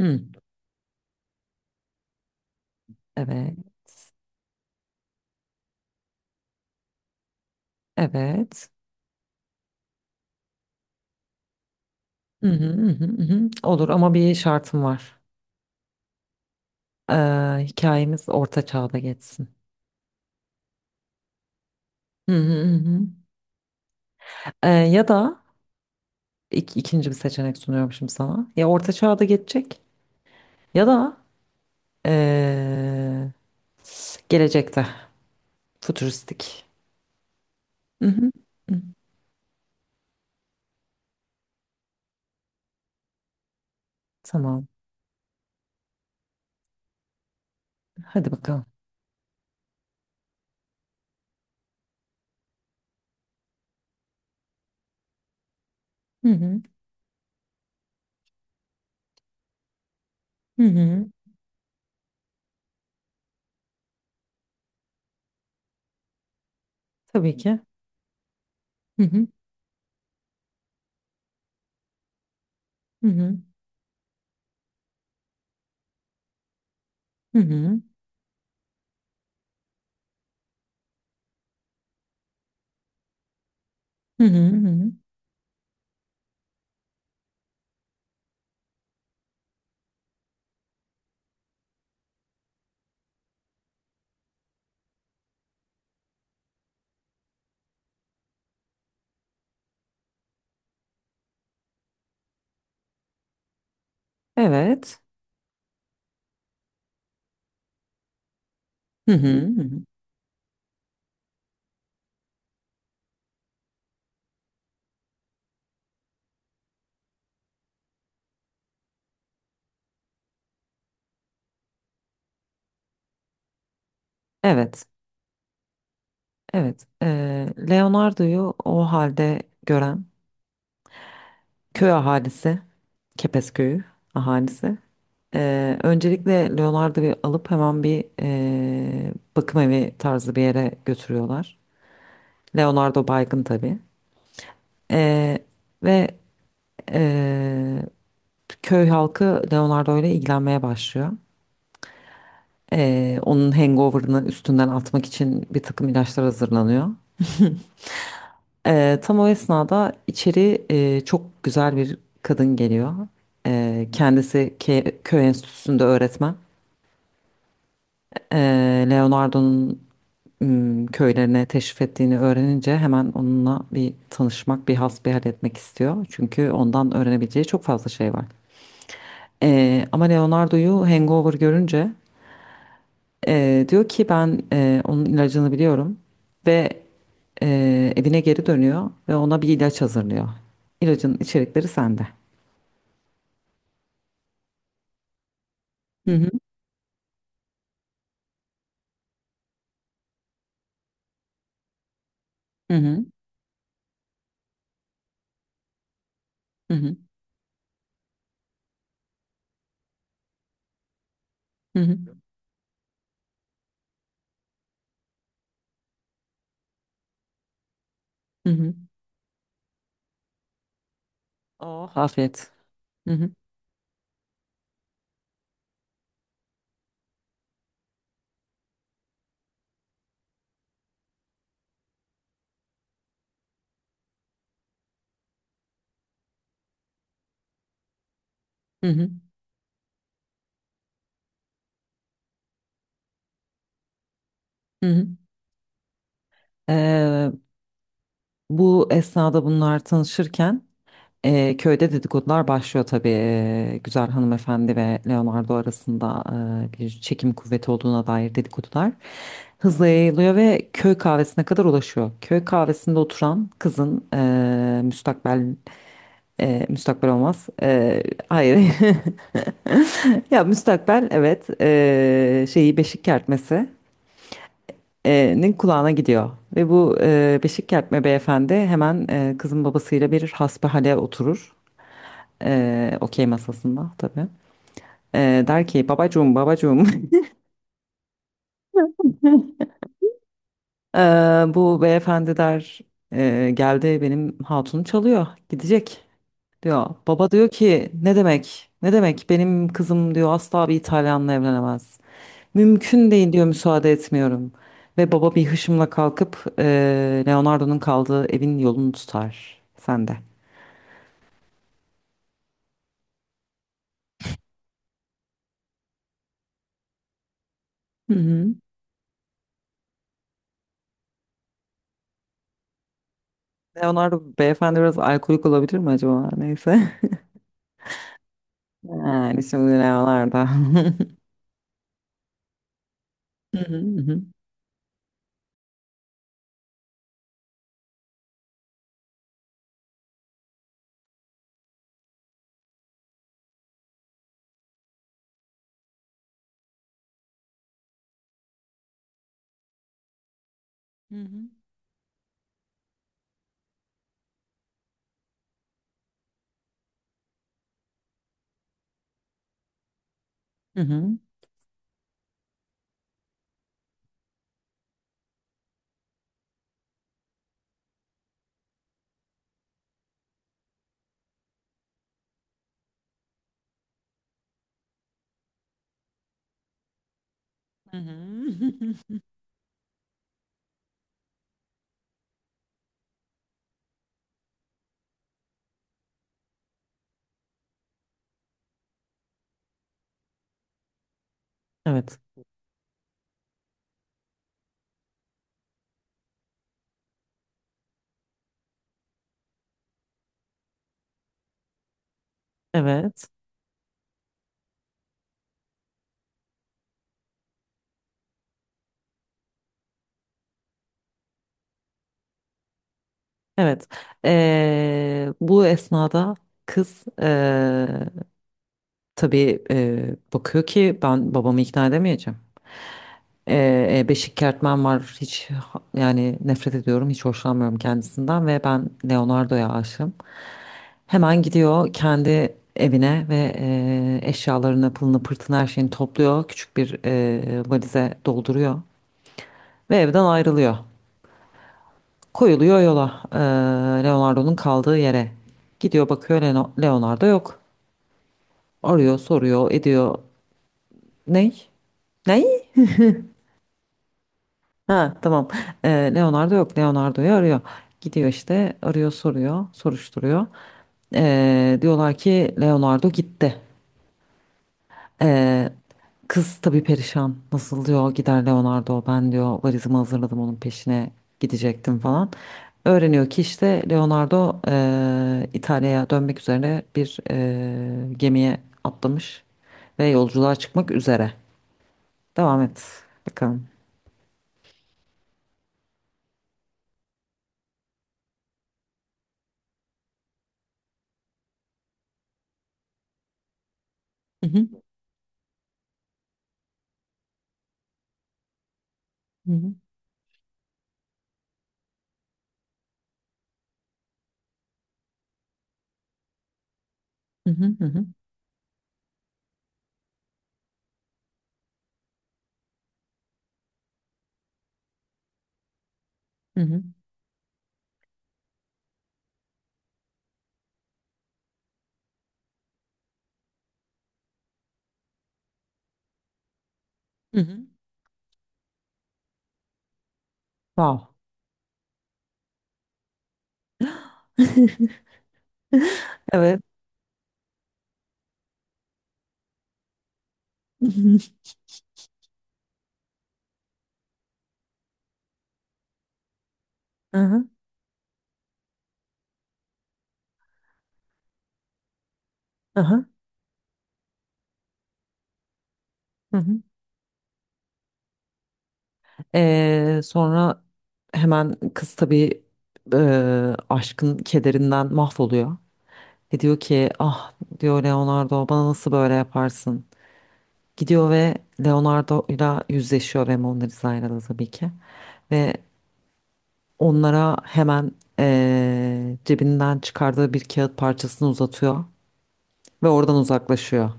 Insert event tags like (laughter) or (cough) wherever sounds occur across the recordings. Hı, evet. Evet. Hı hı, hı hı, hı hı. Olur ama bir şartım var. Ee, Hikayemiz orta çağda geçsin. Hı hı, hı hı. Ya da ikinci bir seçenek sunuyorum şimdi sana. Ya orta çağda geçecek ya da ee, gelecekte fütüristik. Hı hı, hı. Tamam. Hadi bakalım. Hı hı, hı hı. Tabii ki. Hı hı, hı hı, hı hı, hı hı, hı hı. Evet. Hı hı, hı hı. Evet. Evet, Leonardo'yu o halde gören köy ahalisi, Kepez köyü ahalisi. Öncelikle Leonardo'yu alıp hemen bir bakım evi tarzı bir yere götürüyorlar. Leonardo baygın tabii. Eee, Ve eee, köy halkı Leonardo ile ilgilenmeye başlıyor. Onun hangover'ını üstünden atmak için bir takım ilaçlar hazırlanıyor. Tam o esnada içeri çok güzel bir kadın geliyor. Kendisi köy enstitüsünde öğretmen. Leonardo'nun köylerine teşrif ettiğini öğrenince hemen onunla bir tanışmak, bir hasbihal etmek istiyor. Çünkü ondan öğrenebileceği çok fazla şey var. Ama Leonardo'yu hangover görünce diyor ki ben onun ilacını biliyorum ve evine geri dönüyor ve ona bir ilaç hazırlıyor. İlacın içerikleri sende. Hı hı. Hı hı. Hı hı. Hı hı. Hı hı. Oh, afiyet. Hı hı. Hı hı. Hı hı. Ee, Bu esnada bunlar tanışırken köyde dedikodular başlıyor tabii. Güzel hanımefendi ve Leonardo arasında bir çekim kuvveti olduğuna dair dedikodular hızla yayılıyor ve köy kahvesine kadar ulaşıyor. Köy kahvesinde oturan kızın müstakbel. Müstakbel olmaz. Hayır. (laughs) Ya müstakbel, evet, şeyi beşik kertmesinin kulağına gidiyor. Ve bu beşik kertme beyefendi hemen kızın babasıyla bir hasbihale oturur. Okey masasında tabii. Der ki babacığım, babacığım. (laughs) Ee, Bu beyefendi der Geldi benim hatunu çalıyor, gidecek" diyor. Baba diyor ki ne demek, ne demek, benim kızım diyor asla bir İtalyanla evlenemez. Mümkün değil diyor, müsaade etmiyorum. Ve baba bir hışımla kalkıp Leonardo'nun kaldığı evin yolunu tutar. Sen de. Hı hı. Leonardo beyefendi biraz alkolik olabilir mi acaba? Neyse. (laughs) Yani şimdi Leonardo. (laughs) Hı hı. Hı hı. Hı hı. Hı hı. Hı (laughs) Evet. Evet. Evet. Bu esnada kız tabii bakıyor ki ben babamı ikna edemeyeceğim. Beşik Kertmen var. Hiç yani nefret ediyorum. Hiç hoşlanmıyorum kendisinden ve ben Leonardo'ya aşığım. Hemen gidiyor kendi evine ve eşyalarını, pılını, pırtını, her şeyini topluyor. Küçük bir valize dolduruyor ve evden ayrılıyor. Koyuluyor yola, Leonardo'nun kaldığı yere. Gidiyor, bakıyor, Leonardo yok. Arıyor, soruyor, ediyor. Ney? Ney? Ha, tamam. Leonardo yok. Leonardo'yu arıyor. Gidiyor işte, arıyor, soruyor, soruşturuyor. Diyorlar ki Leonardo gitti. Ee, Kız tabii perişan. Nasıl diyor gider Leonardo, ben diyor valizimi hazırladım, onun peşine gidecektim falan. Öğreniyor ki işte Leonardo İtalya'ya dönmek üzere bir gemiye atlamış ve yolculuğa çıkmak üzere. Devam et bakalım. Hı hı, hı hı, hı hı, hı hı, hı hı. Hı hı. Wow. (laughs) Evet. (laughs) Aha, aha, hı hı. Sonra hemen kız tabii e, aşkın kederinden mahvoluyor. Ve diyor ki ah diyor Leonardo, bana nasıl böyle yaparsın? Gidiyor ve Leonardo ile yüzleşiyor ve Mona Lisa'yla da tabii ki. Ve onlara hemen cebinden çıkardığı bir kağıt parçasını uzatıyor ve oradan uzaklaşıyor.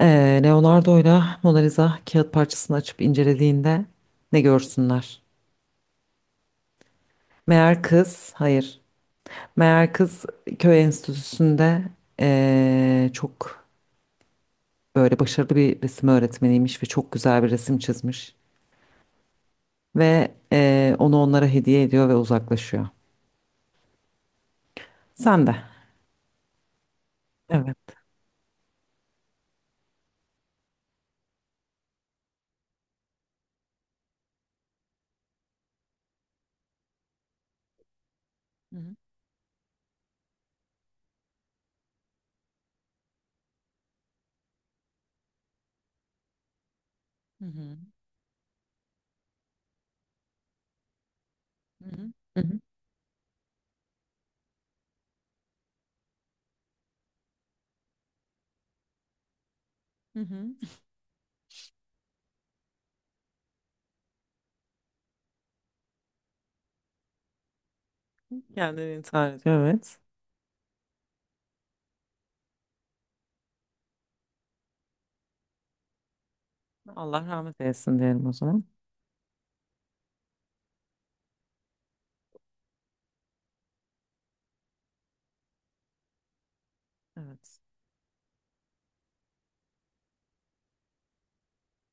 Leonardo'yla Mona Lisa kağıt parçasını açıp incelediğinde ne görsünler? Meğer kız, hayır. Meğer kız köy enstitüsünde çok böyle başarılı bir resim öğretmeniymiş ve çok güzel bir resim çizmiş. Ve onu onlara hediye ediyor ve uzaklaşıyor. Sen de. Evet. Hı hı, hı hı, hı hı, hı hı, hı hı. Kendini intihar ediyor. Evet. Allah rahmet eylesin diyelim o zaman. Evet.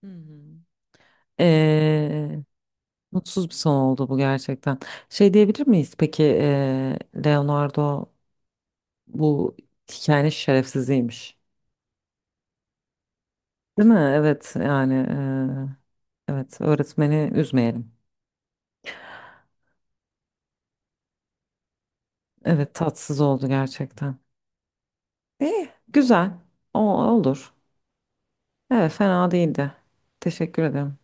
Hı hı. Mutsuz bir son oldu bu gerçekten. Şey diyebilir miyiz peki, Leonardo bu hikayenin şerefsiziymiş. Değil mi? Evet yani, evet öğretmeni üzmeyelim. Evet, tatsız oldu gerçekten. İyi güzel, o olur. Evet, fena değildi. Teşekkür ederim.